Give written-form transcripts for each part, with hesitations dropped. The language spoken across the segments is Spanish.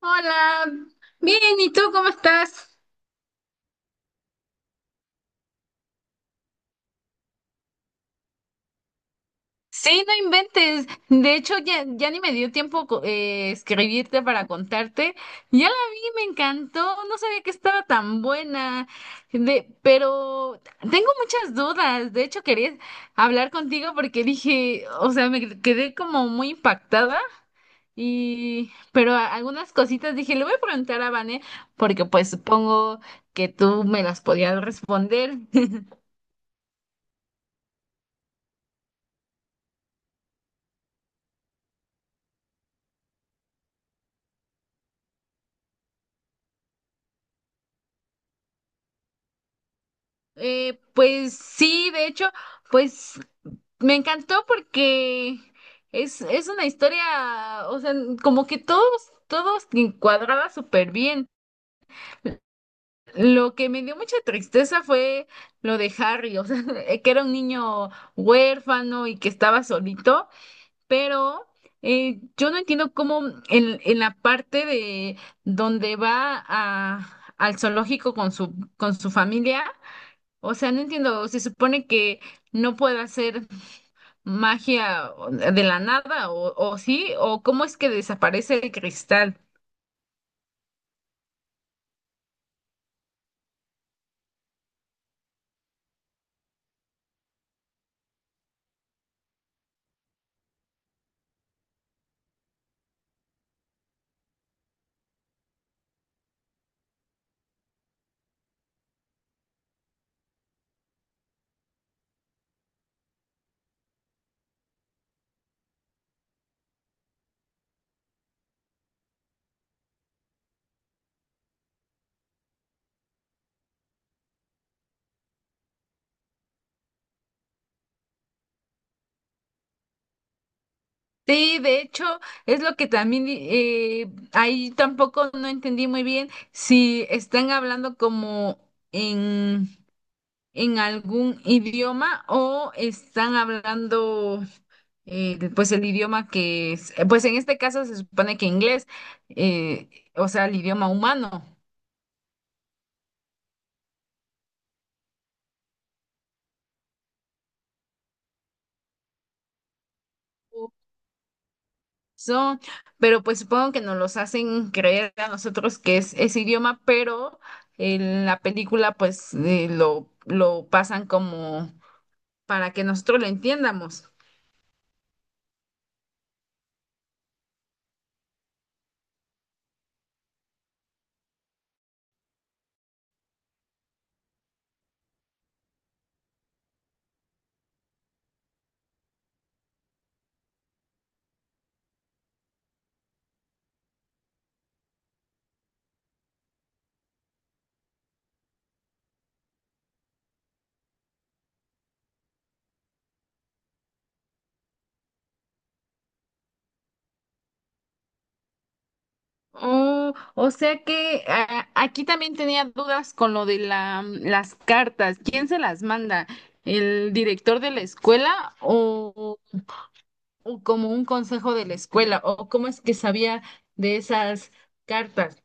Hola, bien, ¿y tú cómo estás? Sí, no inventes. De hecho, ya ni me dio tiempo escribirte para contarte. Ya la vi, me encantó. No sabía que estaba tan buena. De, pero tengo muchas dudas. De hecho, quería hablar contigo porque dije, o sea, me quedé como muy impactada. Y, pero algunas cositas dije, le voy a preguntar a Vane porque pues supongo que tú me las podías responder. Pues sí, de hecho, pues me encantó porque es una historia, o sea, como que todos encuadraba súper bien. Lo que me dio mucha tristeza fue lo de Harry, o sea, que era un niño huérfano y que estaba solito, pero yo no entiendo cómo en la parte de donde va a, al zoológico con su familia. O sea, no entiendo, se supone que no puede hacer magia de la nada, o sí, o cómo es que desaparece el cristal. Sí, de hecho, es lo que también ahí tampoco no entendí muy bien si están hablando como en, en algún idioma o están hablando pues el idioma que es, pues en este caso se supone que inglés, eh, o sea, el idioma humano. Son, pero pues supongo que nos los hacen creer a nosotros que es ese idioma, pero en la película pues lo pasan como para que nosotros lo entiendamos. Oh, o sea que ah, aquí también tenía dudas con lo de la, las cartas. ¿Quién se las manda? ¿El director de la escuela o como un consejo de la escuela? ¿O cómo es que sabía de esas cartas?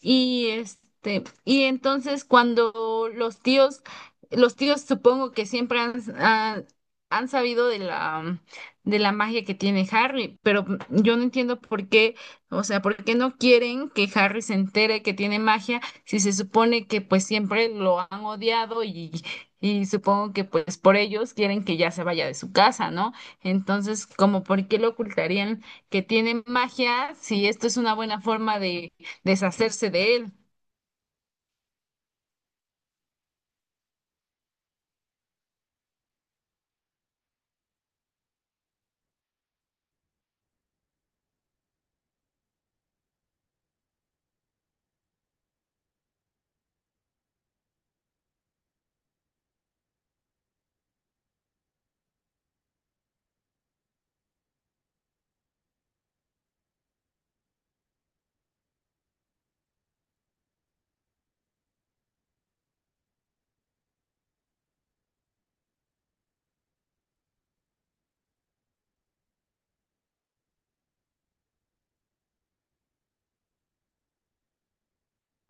Y este, y entonces cuando los tíos supongo que siempre han, han sabido de la magia que tiene Harry, pero yo no entiendo por qué, o sea, por qué no quieren que Harry se entere que tiene magia si se supone que pues siempre lo han odiado y supongo que pues por ellos quieren que ya se vaya de su casa, ¿no? Entonces, como por qué lo ocultarían que tiene magia si esto es una buena forma de deshacerse de él.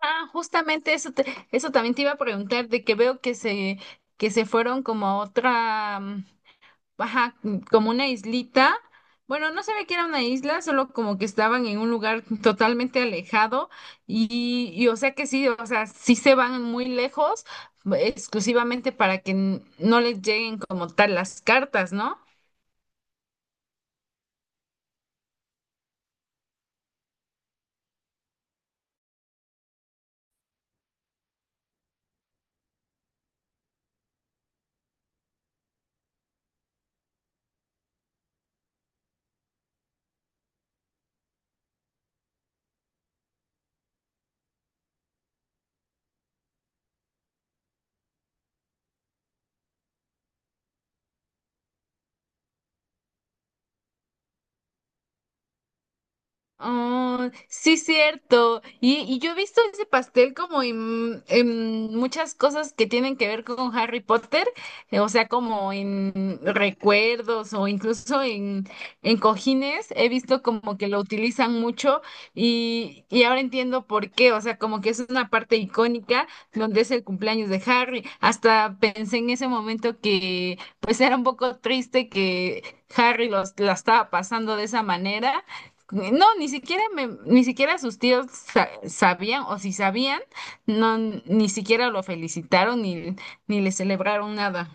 Ah, justamente eso, eso también te iba a preguntar, de que veo que se fueron como a otra, ajá, como una islita. Bueno, no sabía que era una isla, solo como que estaban en un lugar totalmente alejado y, o sea que sí, o sea, sí se van muy lejos, exclusivamente para que no les lleguen como tal las cartas, ¿no? Oh, sí, cierto. Y yo he visto ese pastel como en muchas cosas que tienen que ver con Harry Potter, o sea, como en recuerdos o incluso en cojines. He visto como que lo utilizan mucho y ahora entiendo por qué, o sea, como que es una parte icónica donde es el cumpleaños de Harry. Hasta pensé en ese momento que pues era un poco triste que Harry los, la estaba pasando de esa manera no, ni siquiera ni siquiera sus tíos sabían, o si sabían, no, ni siquiera lo felicitaron ni, ni le celebraron nada.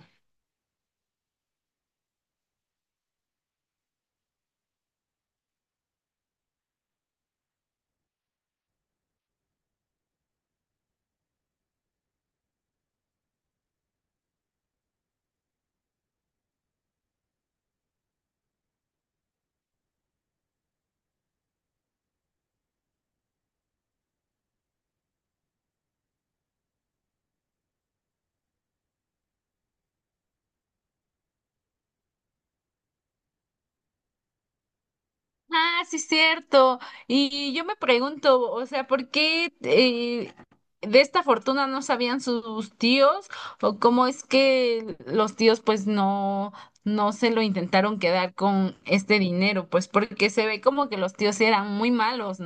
Ah, sí, cierto. Y yo me pregunto, o sea, ¿por qué de esta fortuna no sabían sus tíos? ¿O cómo es que los tíos pues no, no se lo intentaron quedar con este dinero? Pues porque se ve como que los tíos eran muy malos.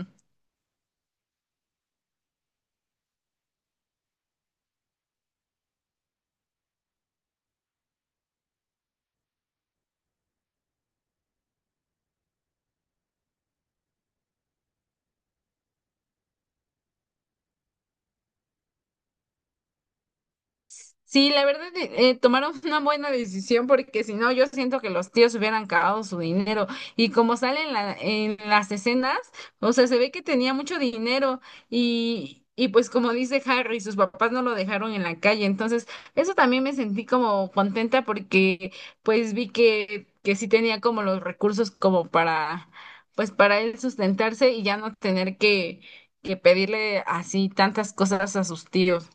Sí, la verdad, tomaron una buena decisión porque si no, yo siento que los tíos hubieran cagado su dinero. Y como sale en en las escenas, o sea, se ve que tenía mucho dinero y pues como dice Harry, sus papás no lo dejaron en la calle. Entonces, eso también me sentí como contenta porque pues vi que sí tenía como los recursos como para, pues para él sustentarse y ya no tener que pedirle así tantas cosas a sus tíos.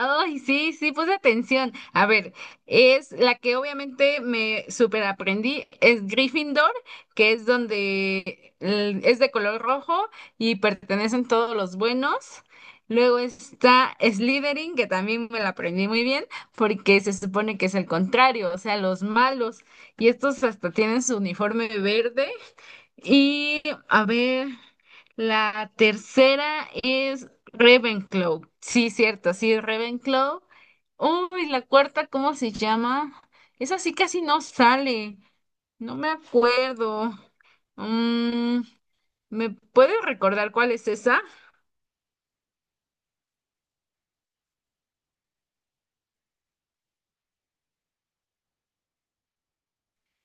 Ay, sí, puse atención. A ver, es la que obviamente me superaprendí es Gryffindor, que es donde es de color rojo y pertenecen todos los buenos. Luego está Slytherin, que también me la aprendí muy bien, porque se supone que es el contrario, o sea, los malos. Y estos hasta tienen su uniforme verde y a ver, la tercera es Ravenclaw. Sí, cierto, sí, Ravenclaw. Uy, la cuarta, ¿cómo se llama? Esa sí casi no sale. No me acuerdo. Mm, ¿me puedes recordar cuál es esa?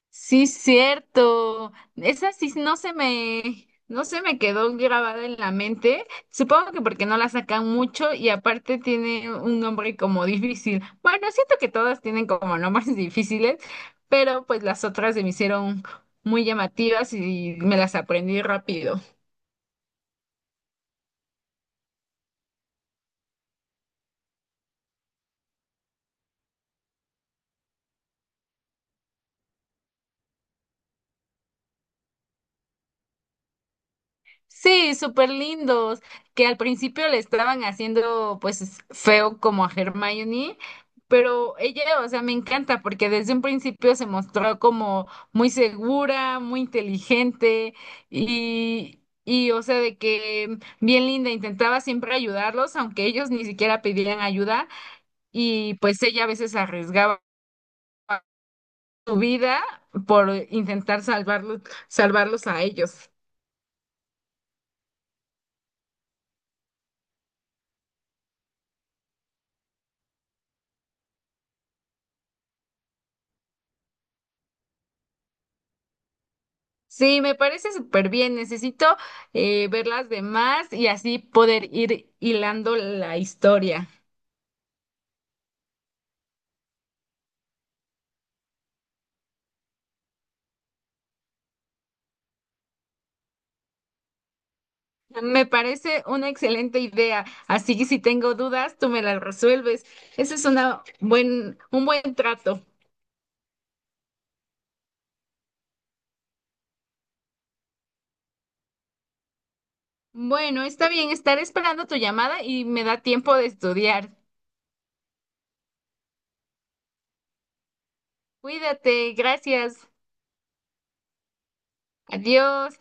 Sí, cierto. Esa sí no se me quedó grabada en la mente. Supongo que porque no la sacan mucho y aparte tiene un nombre como difícil. Bueno, siento que todas tienen como nombres difíciles, pero pues las otras se me hicieron muy llamativas y me las aprendí rápido. Sí, súper lindos, que al principio le estaban haciendo pues feo como a Hermione, pero ella, o sea, me encanta porque desde un principio se mostró como muy segura, muy inteligente y o sea, de que bien linda, intentaba siempre ayudarlos, aunque ellos ni siquiera pedían ayuda y pues ella a veces arriesgaba su vida por intentar salvarlos a ellos. Sí, me parece súper bien. Necesito ver las demás y así poder ir hilando la historia. Me parece una excelente idea. Así que si tengo dudas, tú me las resuelves. Ese es una buen, un buen trato. Bueno, está bien. Estaré esperando tu llamada y me da tiempo de estudiar. Cuídate. Gracias. Adiós.